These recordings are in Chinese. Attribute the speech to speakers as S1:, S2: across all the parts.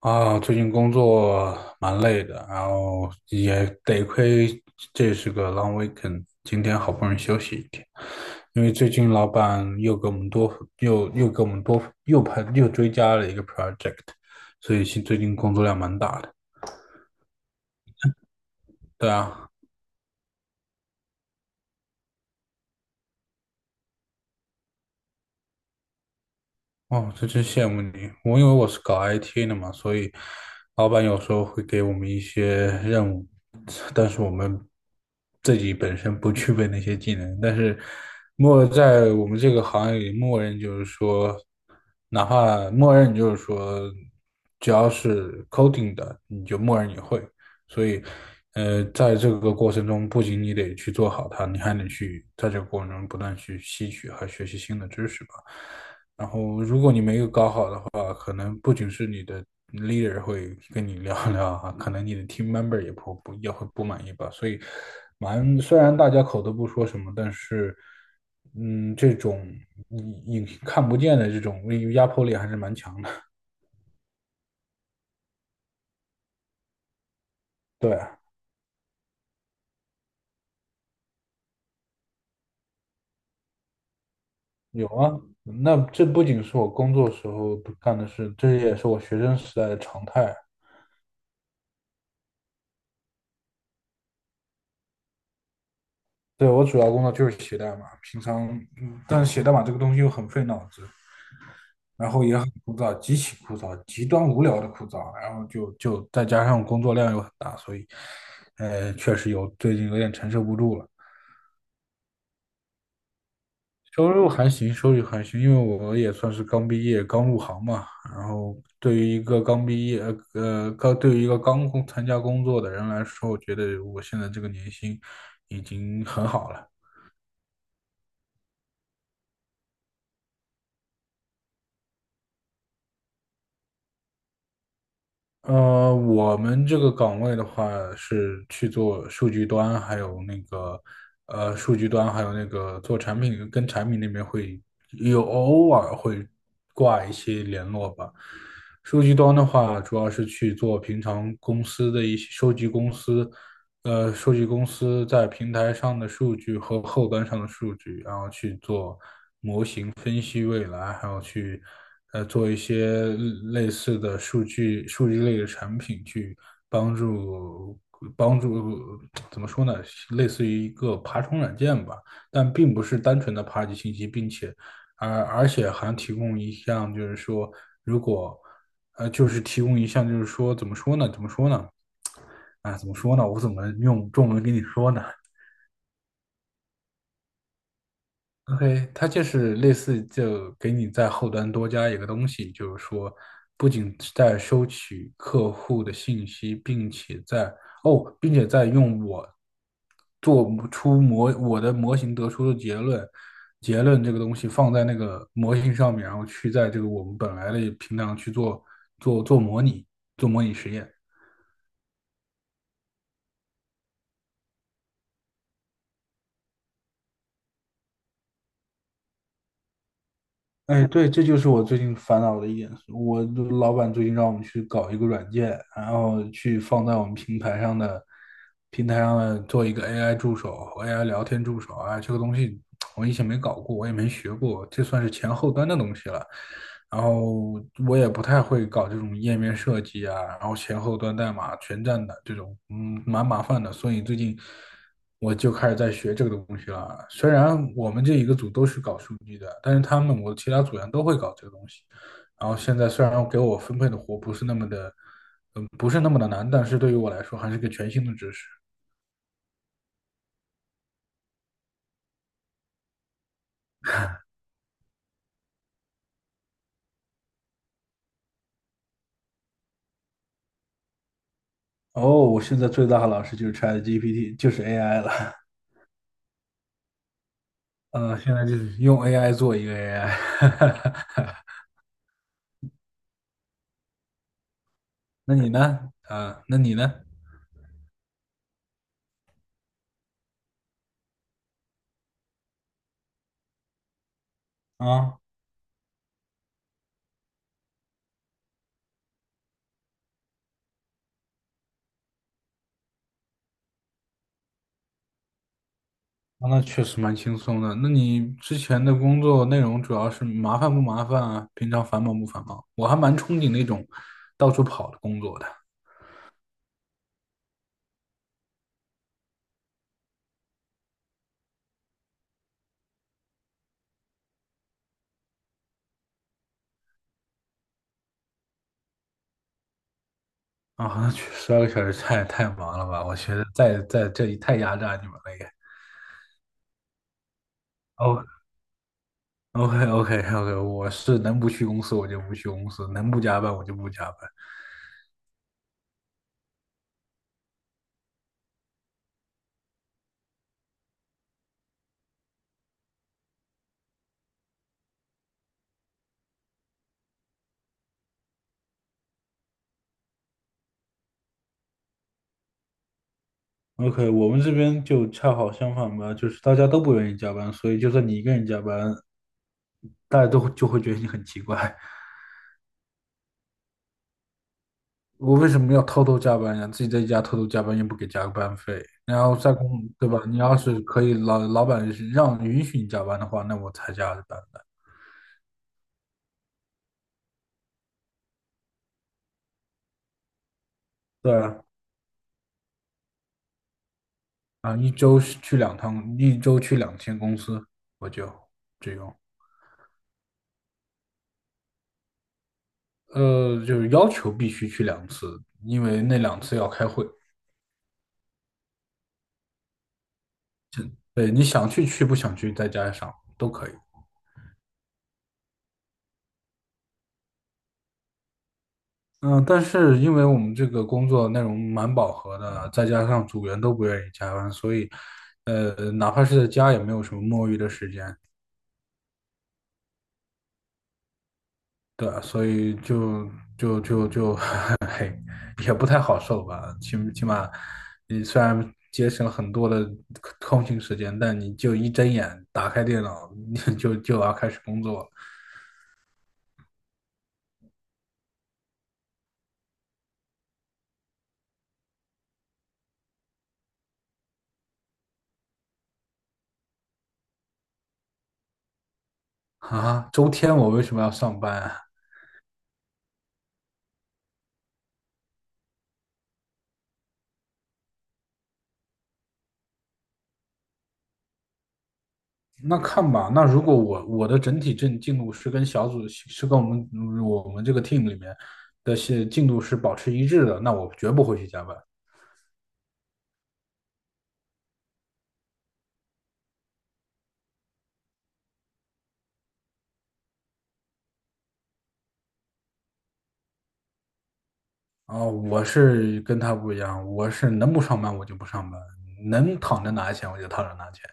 S1: 啊，最近工作蛮累的，然后也得亏这是个 long weekend，今天好不容易休息一天，因为最近老板又给我们多又又给我们多又派又追加了一个 project，所以最近工作量蛮大的。对啊。哦，这真羡慕你。我以为我是搞 IT 的嘛，所以老板有时候会给我们一些任务，但是我们自己本身不具备那些技能。但是在我们这个行业里，默认就是说，哪怕默认就是说，只要是 coding 的，你就默认你会。所以，在这个过程中，不仅你得去做好它，你还得去在这个过程中不断去吸取和学习新的知识吧。然后，如果你没有搞好的话，可能不仅是你的 leader 会跟你聊聊啊，可能你的 team member 也会不满意吧。所以，虽然大家口都不说什么，但是，这种你看不见的这种压迫力还是蛮强的。对啊。有啊。那这不仅是我工作时候干的事，这也是我学生时代的常态。对，我主要工作就是写代码，平常，但是写代码这个东西又很费脑子，然后也很枯燥，极其枯燥，极端无聊的枯燥，然后就再加上工作量又很大，所以，确实最近有点承受不住了。收入还行，收入还行，因为我也算是刚毕业、刚入行嘛。然后对于一个刚毕业、呃，刚对于一个刚参加工作的人来说，我觉得我现在这个年薪已经很好了。我们这个岗位的话是去做数据端，还有那个数据端还有那个做产品，跟产品那边偶尔会挂一些联络吧。数据端的话，主要是去做平常公司的一些收集公司在平台上的数据和后端上的数据，然后去做，分析未来，还有去做一些类似的数据类的产品，去帮助帮助怎么说呢，类似于一个爬虫软件吧，但并不是单纯的爬取信息，并且而而且还提供一项就是说，如果就是提供一项就是说怎么说呢？啊，怎么说呢？我怎么用中文跟你说呢？OK，它就是类似就给你在后端多加一个东西，就是说，不仅是在收取客户的信息，并且在用我的模型得出的结论，结论这个东西放在那个模型上面，然后去在这个我们本来的平台上去做模拟，做模拟实验。哎，对，这就是我最近烦恼的一点。我的老板最近让我们去搞一个软件，然后去放在我们平台上的做一个 AI 助手、AI 聊天助手啊，这个东西我以前没搞过，我也没学过，这算是前后端的东西了。然后我也不太会搞这种页面设计啊，然后前后端代码全站的这种，蛮麻烦的。所以最近我就开始在学这个东西了。虽然我们这一个组都是搞数据的，但是我其他组员都会搞这个东西。然后现在虽然给我分配的活不是那么的，难，但是对于我来说还是个全新的知识。哦，我现在最大的老师就是 ChatGPT，就是 AI 了。嗯，现在就是用 AI 做一个 AI。那你呢？啊。啊那确实蛮轻松的。那你之前的工作内容主要是麻烦不麻烦啊？平常繁忙不繁忙？我还蛮憧憬那种到处跑的工作的。啊，那去12个小时太忙了吧？我觉得在这里太压榨你们了也。哦，OK OK OK，我是能不去公司我就不去公司，能不加班我就不加班。OK，我们这边就恰好相反吧，就是大家都不愿意加班，所以就算你一个人加班，大家都就会觉得你很奇怪。我为什么要偷偷加班呀？自己在家偷偷加班又不给加班费，然后对吧？你要是可以老板是允许你加班的话，那我才加班的。对啊。啊，一周是去2趟，一周去2天公司，我就只种，就是要求必须去两次，因为那两次要开会。对，你想去去，不想去在家上都可以。嗯，但是因为我们这个工作内容蛮饱和的，再加上组员都不愿意加班，所以，哪怕是在家也没有什么摸鱼的时间，对啊所以就，嘿，也不太好受吧。起码，你虽然节省了很多的空闲时间，但你就一睁眼打开电脑，你就要开始工作了。啊！周天我为什么要上班啊？那看吧，那如果我的整体进度是跟小组是跟我们这个 team 里面的是进度是保持一致的，那我绝不会去加班。啊、我是跟他不一样，我是能不上班我就不上班，能躺着拿钱我就躺着拿钱，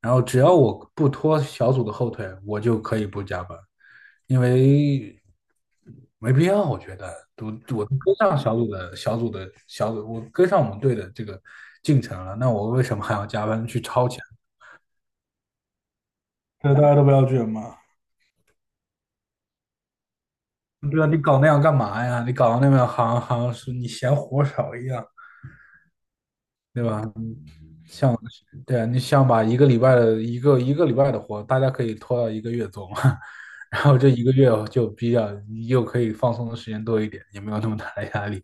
S1: 然后只要我不拖小组的后腿，我就可以不加班。因为没必要，我觉得我都跟上小组，我跟上我们队的这个进程了，那我为什么还要加班去超前？对，大家都不要卷嘛。对啊，你搞那样干嘛呀？你搞那样好像是你嫌活少一样，对吧？像对啊，你想把一个礼拜的活，大家可以拖到一个月做嘛，然后这一个月就又可以放松的时间多一点，也没有那么大的压力。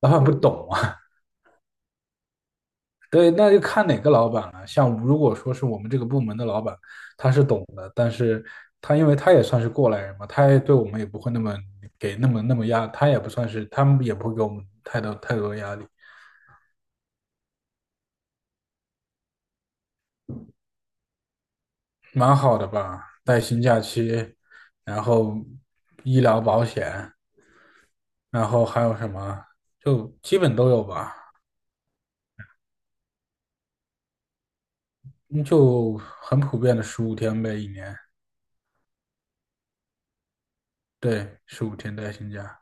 S1: 老板不懂啊。对，那就看哪个老板了。像如果说是我们这个部门的老板，他是懂的，但是他因为他也算是过来人嘛，他也对我们也不会那么给那么压，他也不算是，他们也不会给我们太多太多压力，蛮好的吧？带薪假期，然后医疗保险，然后还有什么，就基本都有吧，嗯就很普遍的十五天呗，一年，对，十五天带薪假。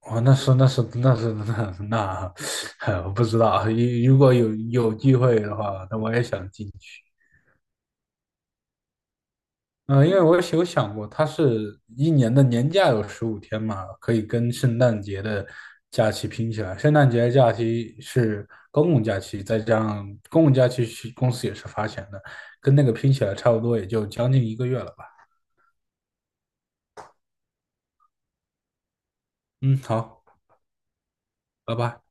S1: 哦，那是，我不知道。如果有机会的话，那我也想进去。嗯、因为我有想过，它是一年的年假有十五天嘛，可以跟圣诞节的假期拼起来。圣诞节的假期是公共假期，再加上公共假期是公司也是发钱的，跟那个拼起来差不多，也就将近一个月了吧。嗯，好，拜拜。